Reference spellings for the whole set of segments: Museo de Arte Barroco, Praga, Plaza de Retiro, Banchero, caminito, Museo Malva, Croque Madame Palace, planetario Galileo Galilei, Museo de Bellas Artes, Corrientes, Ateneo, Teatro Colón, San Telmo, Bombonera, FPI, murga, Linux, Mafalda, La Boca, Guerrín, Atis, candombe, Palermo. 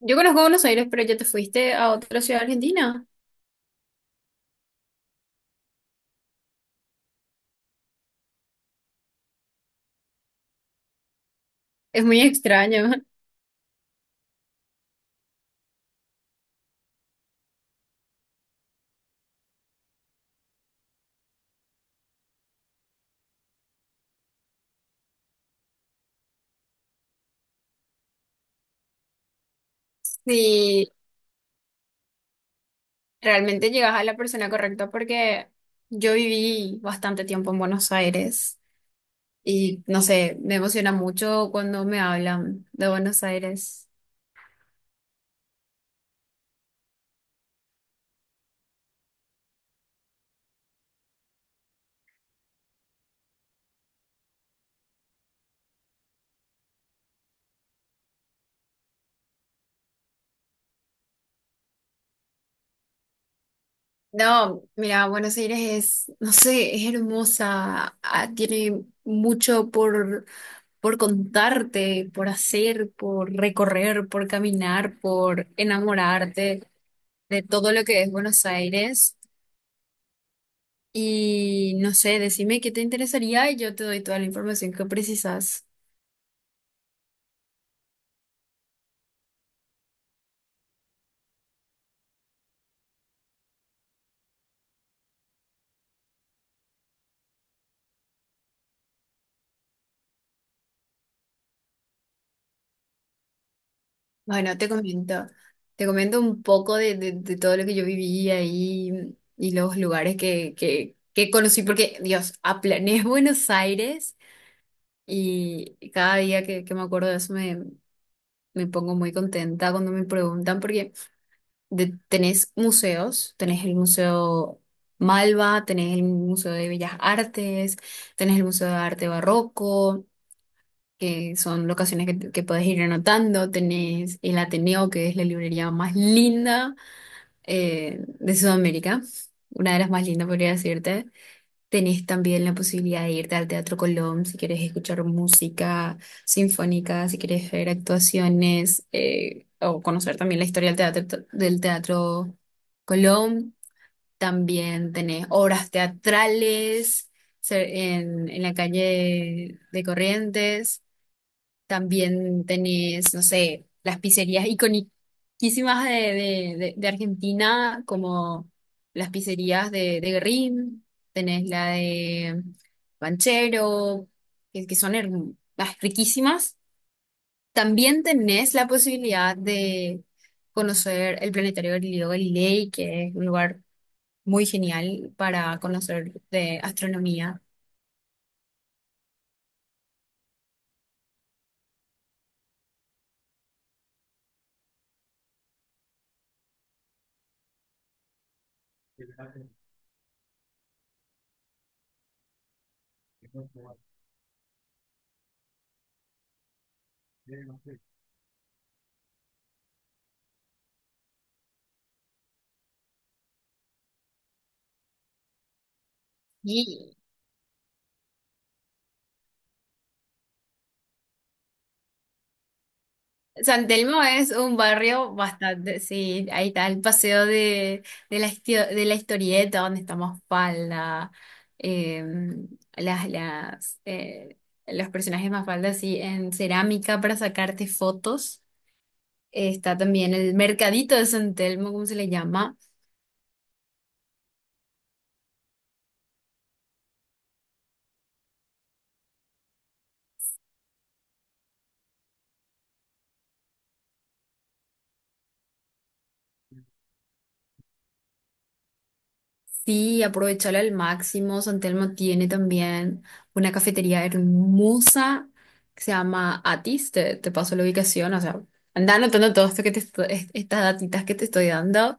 Yo conozco Buenos Aires, pero ya te fuiste a otra ciudad argentina. Es muy extraño. Si realmente llegas a la persona correcta, porque yo viví bastante tiempo en Buenos Aires y no sé, me emociona mucho cuando me hablan de Buenos Aires. No, mira, Buenos Aires es, no sé, es hermosa, ah, tiene mucho por contarte, por hacer, por recorrer, por caminar, por enamorarte de todo lo que es Buenos Aires. Y no sé, decime qué te interesaría y yo te doy toda la información que precisas. Bueno, te comento. Te comento un poco de todo lo que yo viví ahí y los lugares que conocí, porque, Dios, aplané Buenos Aires y cada día que me acuerdo de eso me pongo muy contenta cuando me preguntan, porque tenés museos, tenés el Museo Malva, tenés el Museo de Bellas Artes, tenés el Museo de Arte Barroco, que son locaciones que podés ir anotando, tenés el Ateneo, que es la librería más linda, de Sudamérica, una de las más lindas, podría decirte. Tenés también la posibilidad de irte al Teatro Colón si quieres escuchar música sinfónica, si quieres ver actuaciones, o conocer también la historia del Teatro Colón. También tenés obras teatrales en la calle de Corrientes. También tenés, no sé, las pizzerías iconiquísimas de Argentina, como las pizzerías de Guerrín, tenés la de Banchero, que son riquísimas. También tenés la posibilidad de conocer el planetario Galileo Galilei, que es un lugar muy genial para conocer de astronomía. Y San Telmo es un barrio bastante, sí, ahí está el paseo de la historieta, donde estamos Mafalda, eh, las, las, eh, los personajes Mafalda, sí, en cerámica para sacarte fotos. Está también el mercadito de San Telmo, ¿cómo se le llama? Sí, aprovechala al máximo. San Telmo tiene también una cafetería hermosa que se llama Atis. Te paso la ubicación, o sea, anda anotando todo esto que te estas datitas que te estoy dando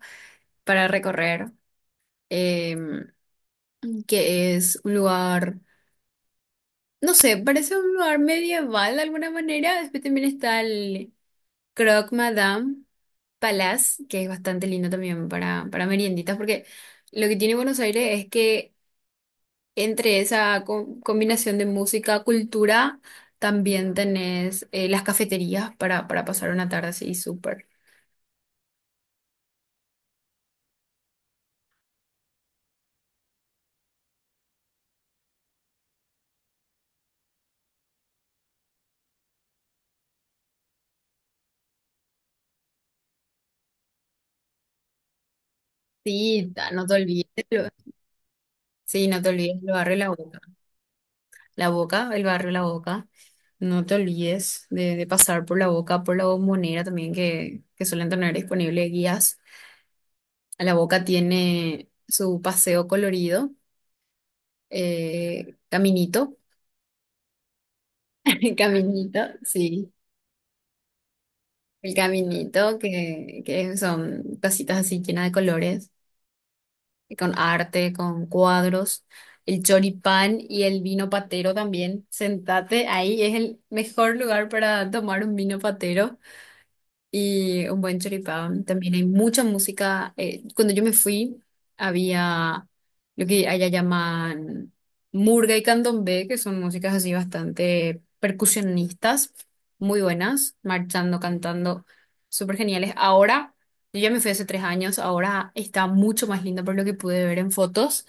para recorrer, em, que es un lugar, no sé, parece un lugar medieval de alguna manera. Después también está el Croque Madame Palace, que es bastante lindo también para merienditas, porque lo que tiene Buenos Aires es que entre esa combinación de música, cultura, también tenés, las cafeterías para pasar una tarde así súper. Sí, no te olvides. Sí, no te olvides el barrio La Boca. La Boca, el barrio La Boca. No te olvides de pasar por La Boca, por la Bombonera también, que suelen tener disponibles guías. La Boca tiene su paseo colorido, caminito, caminito, sí. El caminito, que son tacitas así llenas de colores, con arte, con cuadros, el choripán y el vino patero también. Sentate ahí, es el mejor lugar para tomar un vino patero y un buen choripán. También hay mucha música. Cuando yo me fui, había lo que allá llaman murga y candombe, que son músicas así bastante percusionistas, muy buenas, marchando, cantando, súper geniales. Ahora, yo ya me fui hace 3 años, ahora está mucho más lindo por lo que pude ver en fotos,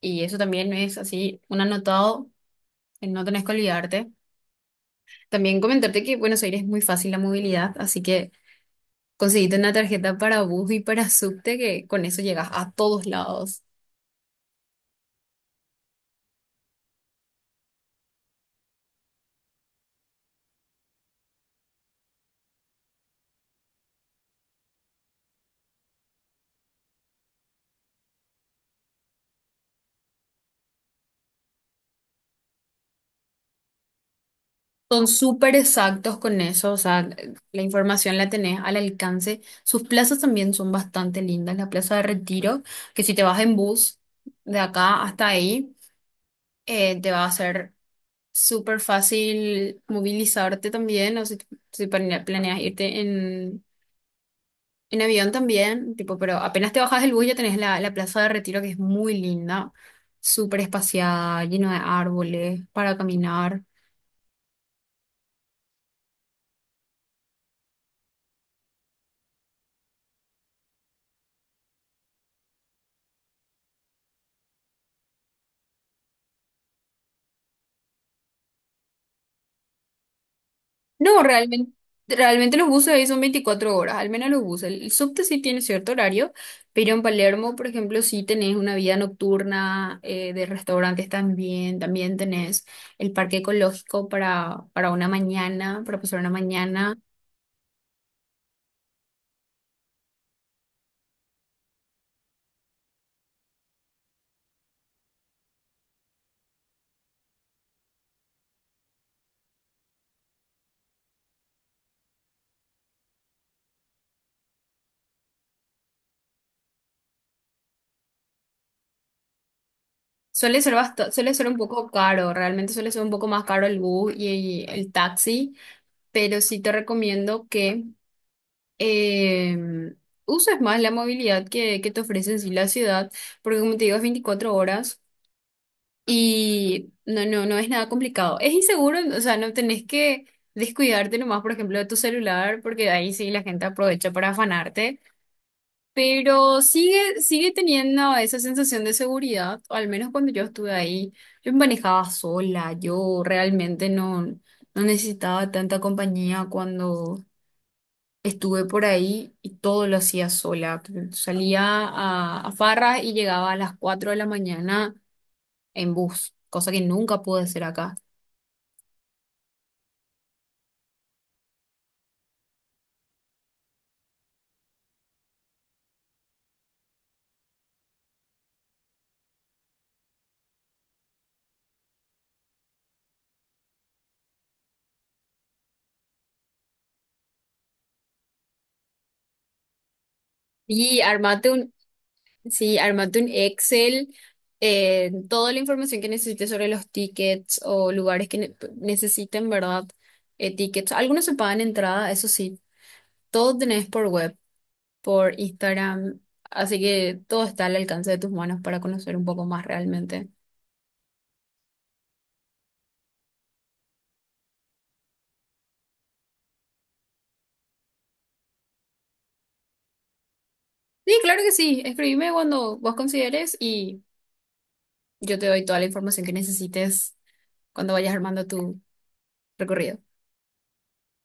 y eso también es así un anotado, en no tenés que olvidarte. También comentarte que Buenos Aires es muy fácil la movilidad, así que conseguiste una tarjeta para bus y para subte que con eso llegas a todos lados. Son súper exactos con eso, o sea, la información la tenés al alcance. Sus plazas también son bastante lindas. La Plaza de Retiro, que si te vas en bus de acá hasta ahí, te va a ser súper fácil movilizarte también, o si planeas irte en avión también, tipo, pero apenas te bajas del bus ya tenés la Plaza de Retiro que es muy linda, súper espaciada, lleno de árboles para caminar. No, realmente los buses ahí son 24 horas, al menos los buses. El subte sí tiene cierto horario, pero en Palermo, por ejemplo, sí tenés una vida nocturna, de restaurantes también, también tenés el parque ecológico para una mañana, para pasar una mañana. Suele ser suele ser un poco caro, realmente suele ser un poco más caro el bus y el taxi, pero sí te recomiendo que em, uses más la movilidad que te ofrece en sí la ciudad, porque como te digo, es 24 horas y no es nada complicado. Es inseguro, o sea, no tenés que descuidarte nomás, por ejemplo, de tu celular, porque ahí sí la gente aprovecha para afanarte. Pero sigue teniendo esa sensación de seguridad, o al menos cuando yo estuve ahí, yo me manejaba sola, yo realmente no necesitaba tanta compañía cuando estuve por ahí y todo lo hacía sola. Salía a farras y llegaba a las 4 de la mañana en bus, cosa que nunca pude hacer acá. Y armate Sí, armate un Excel, toda la información que necesites sobre los tickets o lugares que necesiten, ¿verdad? Tickets. Algunos se pagan entrada, eso sí, todo tenés por web, por Instagram, así que todo está al alcance de tus manos para conocer un poco más realmente. Sí, claro que sí, escribime cuando vos consideres y yo te doy toda la información que necesites cuando vayas armando tu recorrido.